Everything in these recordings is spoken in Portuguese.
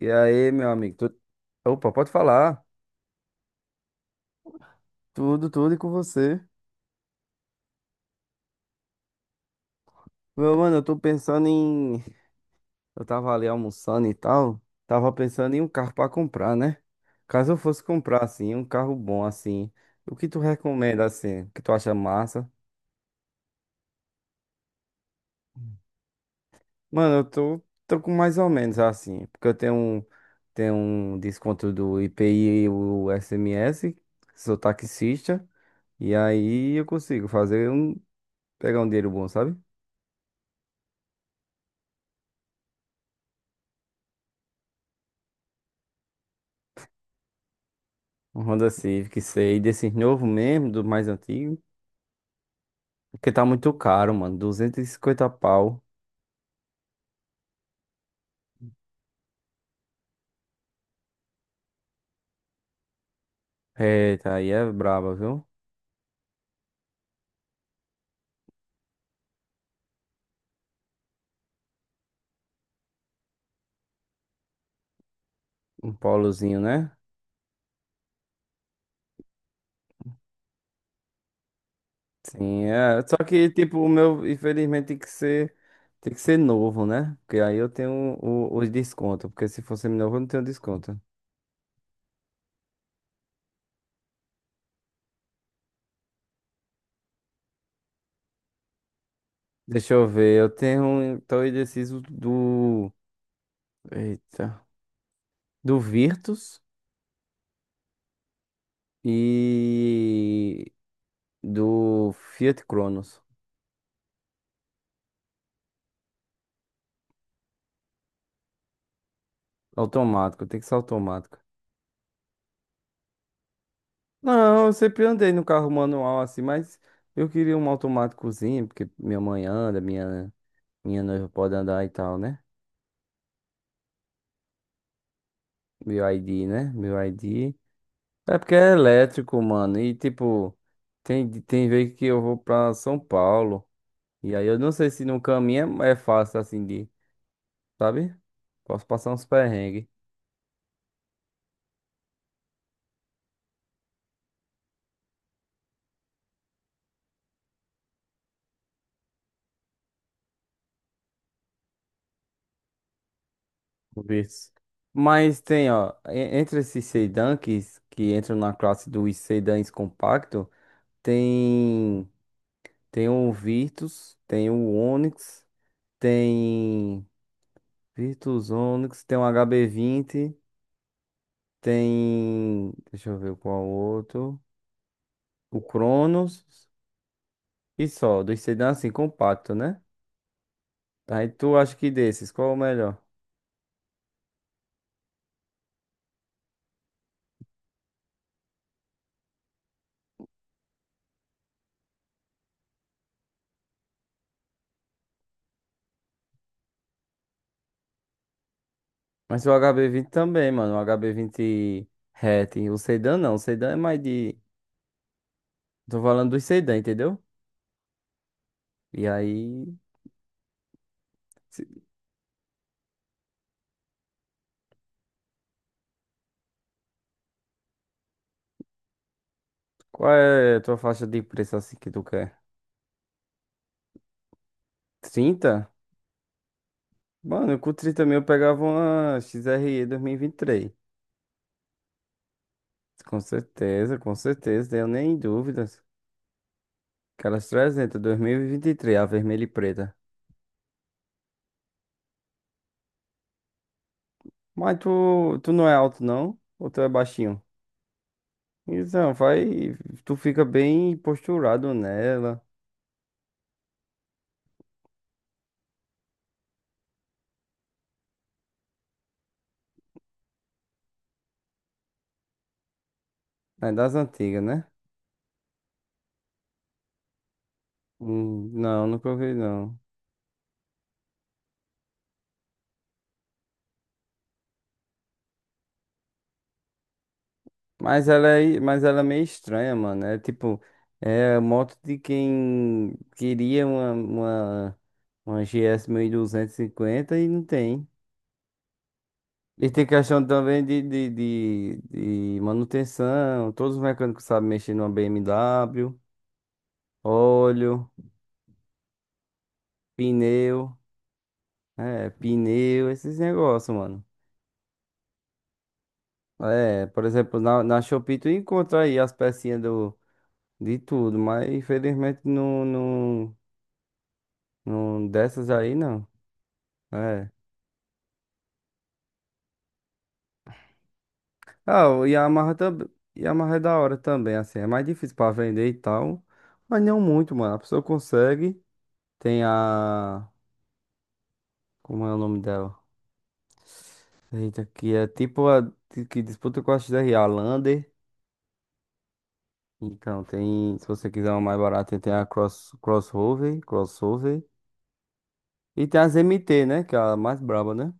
E aí, meu amigo? Opa, pode falar. Tudo, tudo e com você. Meu mano, eu tô pensando em. Eu tava ali almoçando e tal. Tava pensando em um carro pra comprar, né? Caso eu fosse comprar, assim, um carro bom, assim. O que tu recomenda, assim? O que tu acha massa? Mano, eu tô com mais ou menos assim. Porque eu tenho um desconto do IPI e o SMS. Sou taxista. E aí eu consigo fazer um. Pegar um dinheiro bom, sabe? Um Honda Civic, sei. Desses novo mesmo, do mais antigo. Porque tá muito caro, mano. 250 pau. Eita, aí é braba, viu? Um polozinho, né? Sim, é. Só que, tipo, o meu, infelizmente, tem que ser novo, né? Porque aí eu tenho os descontos. Porque se fosse novo, eu não tenho desconto. Deixa eu ver. Eu tenho. Tô indeciso do. Eita. Do Virtus e do Fiat Cronos. Automático, tem que ser automático. Não, eu sempre andei no carro manual assim, mas eu queria um automáticozinho, porque minha mãe anda, minha noiva pode andar e tal, né? Meu ID, né? Meu ID. É porque é elétrico, mano. E tipo, tem vez que eu vou pra São Paulo. E aí eu não sei se no caminho é fácil assim de, sabe? Posso passar uns perrengues. Talvez. Mas tem, ó, entre esses sedãs que entram na classe dos sedãs compactos. Tem, tem o Virtus, tem o Onix, tem Virtus Onix, tem o HB20, tem, deixa eu ver qual outro, o Cronos e só, dos sedãs assim, compacto, né? Aí tu acha que desses, qual é o melhor? Mas o hb vinte também, mano, o HB20 hatch, o sedã não, o sedã é mais de, tô falando dos sedã, entendeu? E aí, se- qual é a tua faixa de preço assim que tu quer? 30. Mano, com 30 mil eu pegava uma XRE 2023. Com certeza, tenho nem dúvidas. Aquelas 300, 2023, a vermelha e preta. Mas tu não é alto, não? Ou tu é baixinho? Então, vai. Tu fica bem posturado nela. É das antigas, né? Não, nunca ouvi, não. Mas ela é meio estranha, mano. É tipo, é moto de quem queria uma GS 250 e não tem. E tem questão também de manutenção. Todos os mecânicos sabem mexer numa BMW, óleo, pneu, pneu, esses negócios, mano. É, por exemplo, na Shopee tu encontra aí as pecinhas do, de tudo, mas infelizmente não, não, não dessas aí não. É. Ah, o Yamaha também. Yamaha é da hora também, assim. É mais difícil pra vender e tal. Mas não muito, mano. A pessoa consegue. Tem a. Como é o nome dela? Eita, que é tipo a que disputa com a XR, a Lander. Então, tem. Se você quiser uma mais barata, tem a Cross, Crossover, Crossover. E tem as MT, né? Que é a mais braba, né?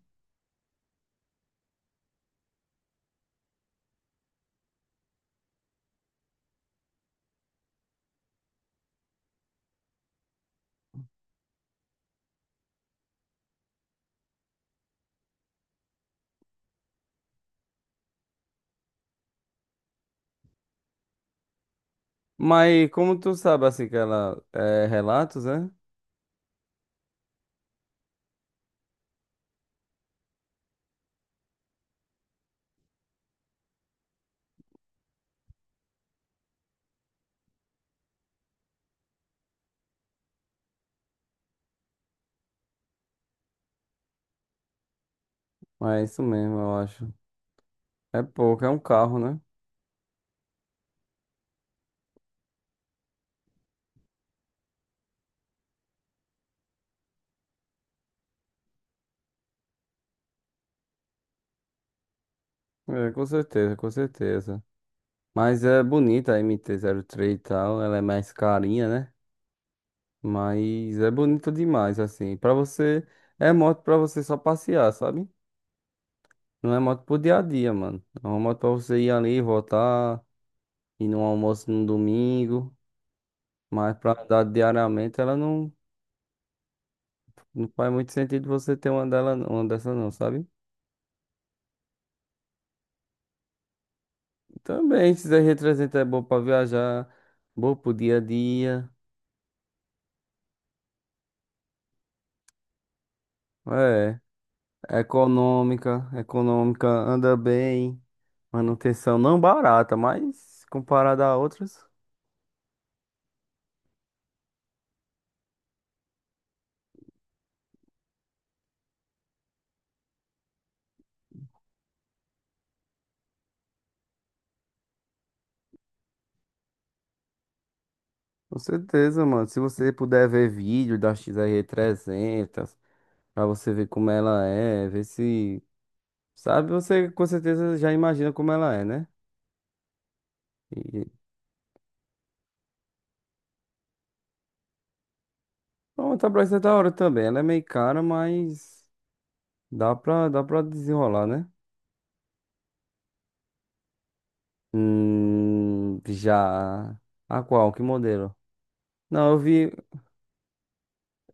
Mas como tu sabe, assim, que ela é relatos, né? Mas é isso mesmo, eu acho. É pouco, é um carro, né? É, com certeza, com certeza. Mas é bonita a MT-03 e tal, ela é mais carinha, né? Mas é bonita demais, assim. Pra você, é moto pra você só passear, sabe? Não é moto pro dia a dia, mano. É uma moto pra você ir ali, voltar, ir num almoço no domingo. Mas pra andar diariamente, ela não, não faz muito sentido você ter uma dela, uma dessa não, sabe? Também, esse R300 é bom pra viajar, bom pro dia a dia. É. Econômica, econômica anda bem. Manutenção não barata, mas comparada a outras, com certeza, mano. Se você puder ver vídeo da XR300, pra você ver como ela é, ver se. Sabe, você com certeza já imagina como ela é, né? E pronto, a Bryce é da hora também. Ela é meio cara, mas dá pra desenrolar, né? Já. A qual? Que modelo? Não, eu vi.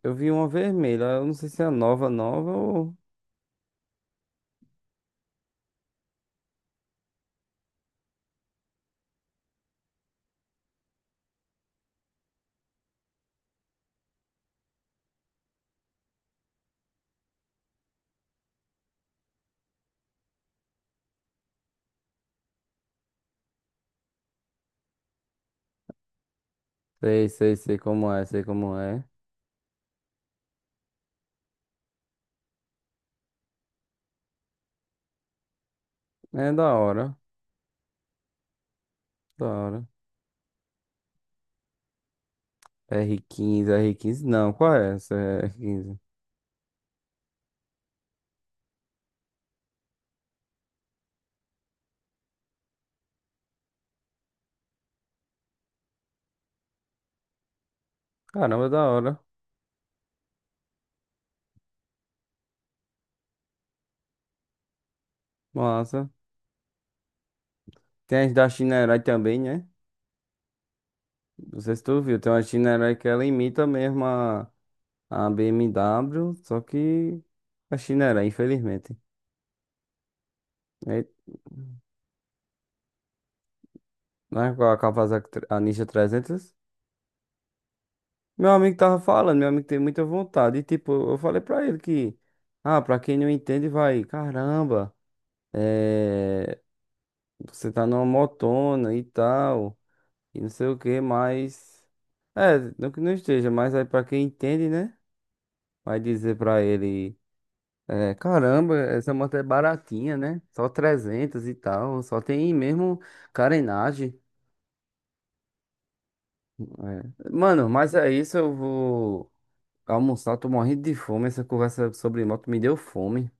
Eu vi uma vermelha, eu não sei se é nova, nova ou. Sei, sei, sei como é, sei como é. É da hora, da hora. R quinze não, qual é essa R15? Caramba, da hora, massa. Tem as da China Herói também, né? Não sei se tu viu, tem uma China Herói que ela imita mesmo a BMW, só que a China Herói, infelizmente. E- Não é com a Kawasaki a Ninja 300? Meu amigo tava falando, meu amigo tem muita vontade. E tipo, eu falei pra ele que, ah, pra quem não entende, vai, caramba, é, você tá numa motona e tal, e não sei o que, mas. É, não que não esteja, mas aí pra quem entende, né? Vai dizer pra ele, é, caramba, essa moto é baratinha, né? Só 300 e tal, só tem mesmo carenagem. É. Mano, mas é isso, eu vou almoçar, tô morrendo de fome. Essa conversa sobre moto me deu fome.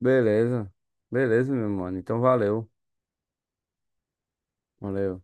Beleza. Beleza, meu mano. Então valeu. Valeu.